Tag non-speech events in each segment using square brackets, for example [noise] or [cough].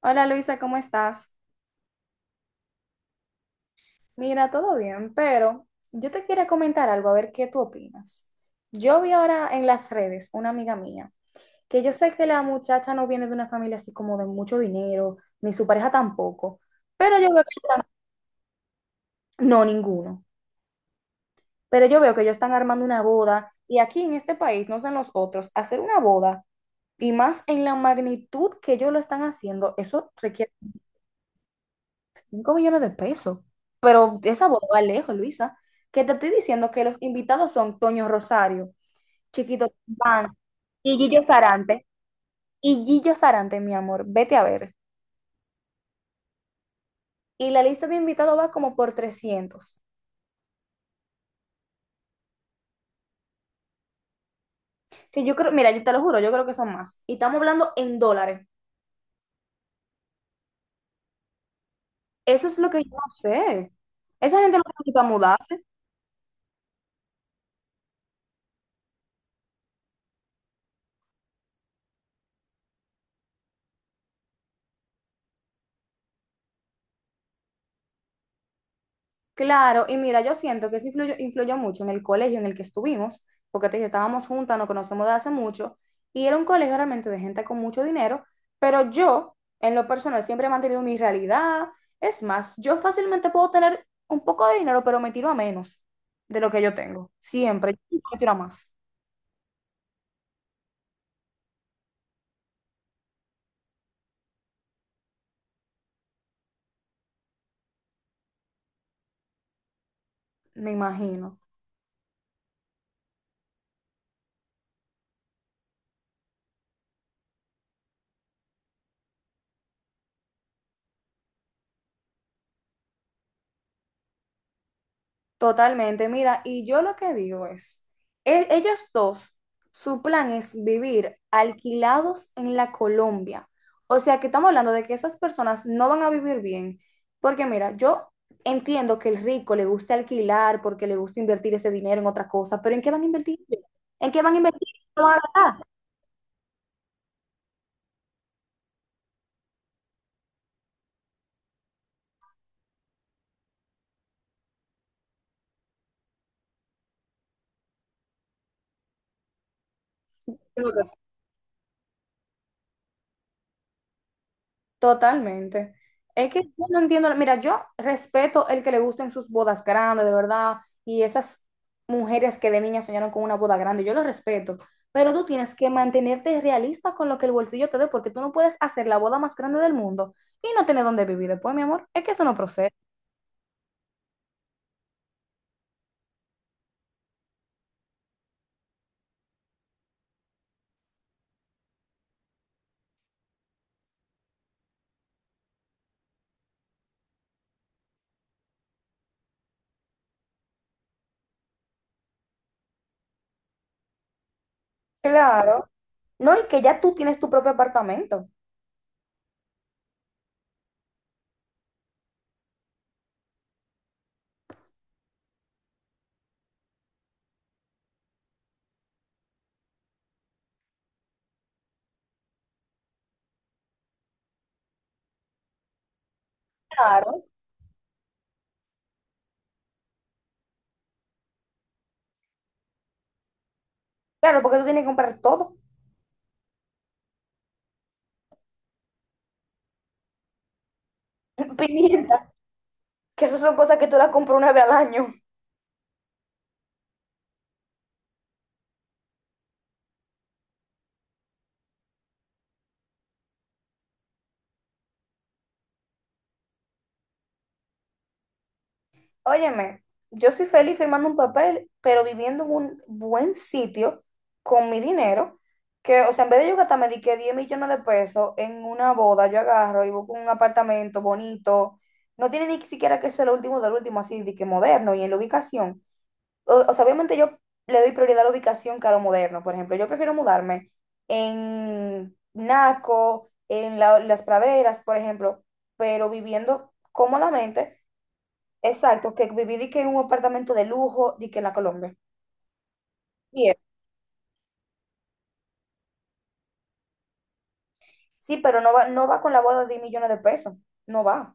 Hola Luisa, ¿cómo estás? Mira, todo bien, pero yo te quiero comentar algo, a ver qué tú opinas. Yo vi ahora en las redes una amiga mía, que yo sé que la muchacha no viene de una familia así como de mucho dinero, ni su pareja tampoco, pero yo veo no, ninguno, pero yo veo que ellos están armando una boda y aquí en este país, no sé en los otros, hacer una boda y más en la magnitud que ellos lo están haciendo, eso requiere 5 millones de pesos. Pero esa boda va lejos, Luisa. Que te estoy diciendo que los invitados son Toño Rosario, Chiquito Van y Gillo Sarante. Y Gillo Sarante, mi amor, vete a ver. Y la lista de invitados va como por 300. Que yo creo, mira, yo te lo juro, yo creo que son más. Y estamos hablando en dólares. Eso es lo que yo no sé. Esa gente no necesita mudarse. Claro, y mira, yo siento que eso influyó mucho en el colegio en el que estuvimos, porque te dije, estábamos juntas, nos conocemos de hace mucho, y era un colegio realmente de gente con mucho dinero, pero yo, en lo personal, siempre he mantenido mi realidad. Es más, yo fácilmente puedo tener un poco de dinero, pero me tiro a menos de lo que yo tengo. Siempre, yo nunca me tiro a más, me imagino. Totalmente, mira, y yo lo que digo es, ellos dos, su plan es vivir alquilados en la Colombia. O sea que estamos hablando de que esas personas no van a vivir bien, porque mira, yo entiendo que el rico le gusta alquilar porque le gusta invertir ese dinero en otra cosa, pero ¿en qué van a invertir ellos? ¿En qué van a invertir? No van a gastar. Totalmente. Es que yo no entiendo, mira, yo respeto el que le gusten sus bodas grandes, de verdad, y esas mujeres que de niña soñaron con una boda grande, yo lo respeto, pero tú tienes que mantenerte realista con lo que el bolsillo te dé, porque tú no puedes hacer la boda más grande del mundo y no tener dónde vivir después, mi amor. Es que eso no procede. Claro. No, y que ya tú tienes tu propio apartamento. Claro. Claro, porque tú tienes que comprar todo. [laughs] Pimienta, que esas son cosas que tú las compras una vez al año. Óyeme, yo soy feliz firmando un papel, pero viviendo en un buen sitio con mi dinero, que, o sea, en vez de yo gastarme de que 10 millones de pesos en una boda, yo agarro y busco un apartamento bonito, no tiene ni siquiera que ser lo último del último, así, de que moderno y en la ubicación. O sea, obviamente yo le doy prioridad a la ubicación que a lo moderno, por ejemplo, yo prefiero mudarme en Naco, en las praderas, por ejemplo, pero viviendo cómodamente. Exacto, que viví di que en un apartamento de lujo, di que en la Colombia. Bien, sí, pero no va, no va con la boda de 10 millones de pesos. No va.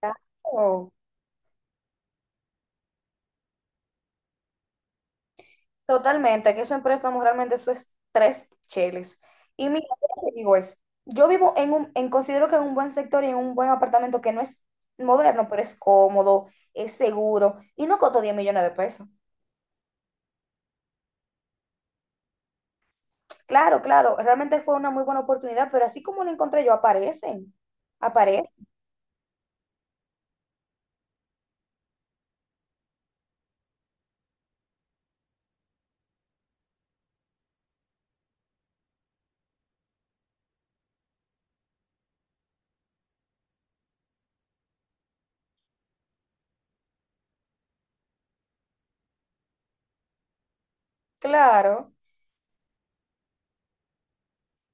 Claro. Totalmente, que eso en préstamo realmente eso es tres cheles. Y mira, yo te digo es, yo vivo en un, en, considero que en un buen sector y en un buen apartamento que no es moderno, pero es cómodo, es seguro y no costó 10 millones de pesos. Claro, claro, realmente fue una muy buena oportunidad, pero así como lo encontré yo, aparecen, aparecen, claro.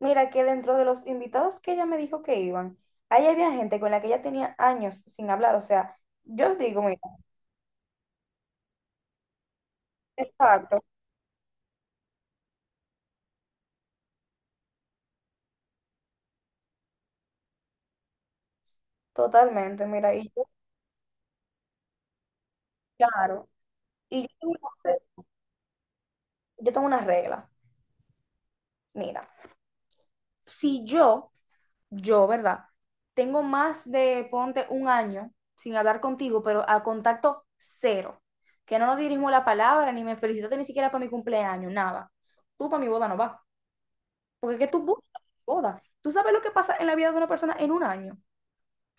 Mira que dentro de los invitados que ella me dijo que iban, ahí había gente con la que ella tenía años sin hablar. O sea, yo digo, mira, exacto, totalmente, mira, y yo, claro, y yo tengo una regla. Mira, si yo, ¿verdad? Tengo más de, ponte, un año sin hablar contigo, pero a contacto cero, que no nos dirigimos la palabra, ni me felicitaste ni siquiera para mi cumpleaños, nada. Tú para mi boda no vas. Porque es que tú buscas boda. Tú sabes lo que pasa en la vida de una persona en un año.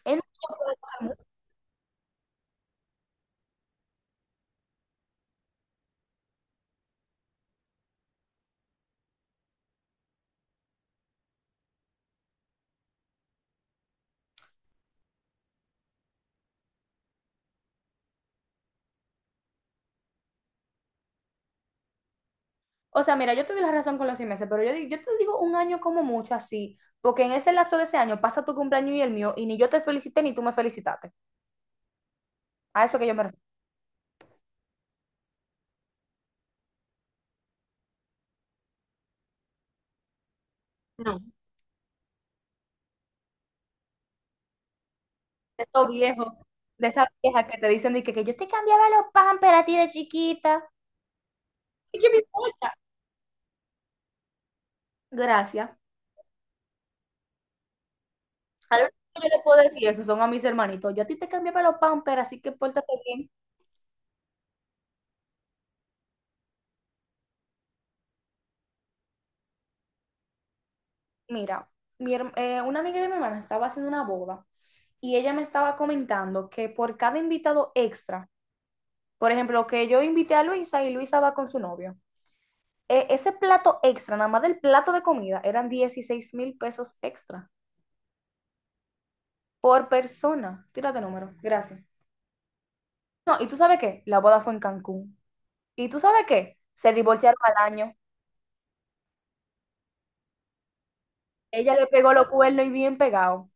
En un año puede pasar mucho. O sea, mira, yo te doy la razón con los 6 meses, pero yo, yo te digo un año como mucho así, porque en ese lapso de ese año pasa tu cumpleaños y el mío, y ni yo te felicité ni tú me felicitaste. A eso que yo me refiero. No. De esos viejos, de esas viejas que te dicen de que yo te cambiaba los pampers a ti de chiquita. ¿Y qué me importa? Gracias. A lo único que yo le puedo decir eso son a mis hermanitos. Yo a ti te cambiaba los pampers, así que pórtate bien. Mira, una amiga de mi hermana estaba haciendo una boda y ella me estaba comentando que por cada invitado extra, por ejemplo, que yo invité a Luisa y Luisa va con su novio, ese plato extra, nada más del plato de comida, eran 16.000 pesos extra por persona. Tírate número, gracias. No, ¿y tú sabes qué? La boda fue en Cancún. ¿Y tú sabes qué? Se divorciaron al año. Ella le pegó los cuernos y bien pegado.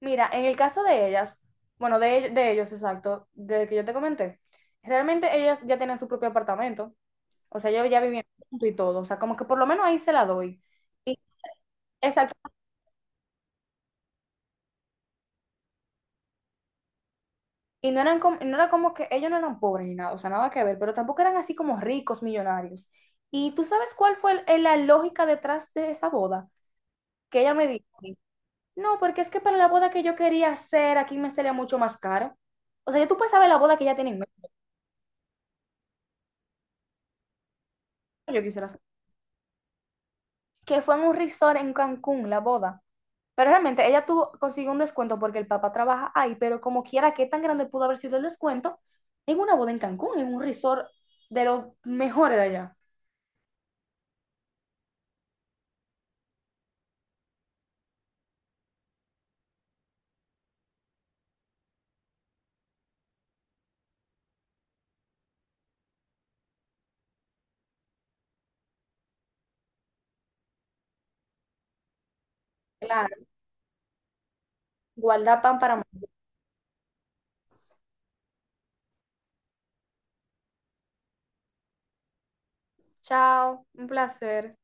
Mira, en el caso de ellas, bueno, de ellos, exacto, de que yo te comenté, realmente ellas ya tienen su propio apartamento, o sea, ellos ya vivían juntos y todo, o sea, como que por lo menos ahí se la doy. Y, exacto, y no eran como, no era como que ellos no eran pobres ni nada, o sea, nada que ver, pero tampoco eran así como ricos, millonarios. ¿Y tú sabes cuál fue la lógica detrás de esa boda? Que ella me dijo, no, porque es que para la boda que yo quería hacer, aquí me salía mucho más caro. O sea, ya tú puedes saber la boda que ya tienen, yo quisiera que fue en un resort en Cancún, la boda. Pero realmente ella tuvo, consiguió un descuento porque el papá trabaja ahí, pero como quiera, ¿qué tan grande pudo haber sido el descuento? En una boda en Cancún, en un resort de los mejores de allá. Claro, guarda pan para... mañana. Chao, un placer.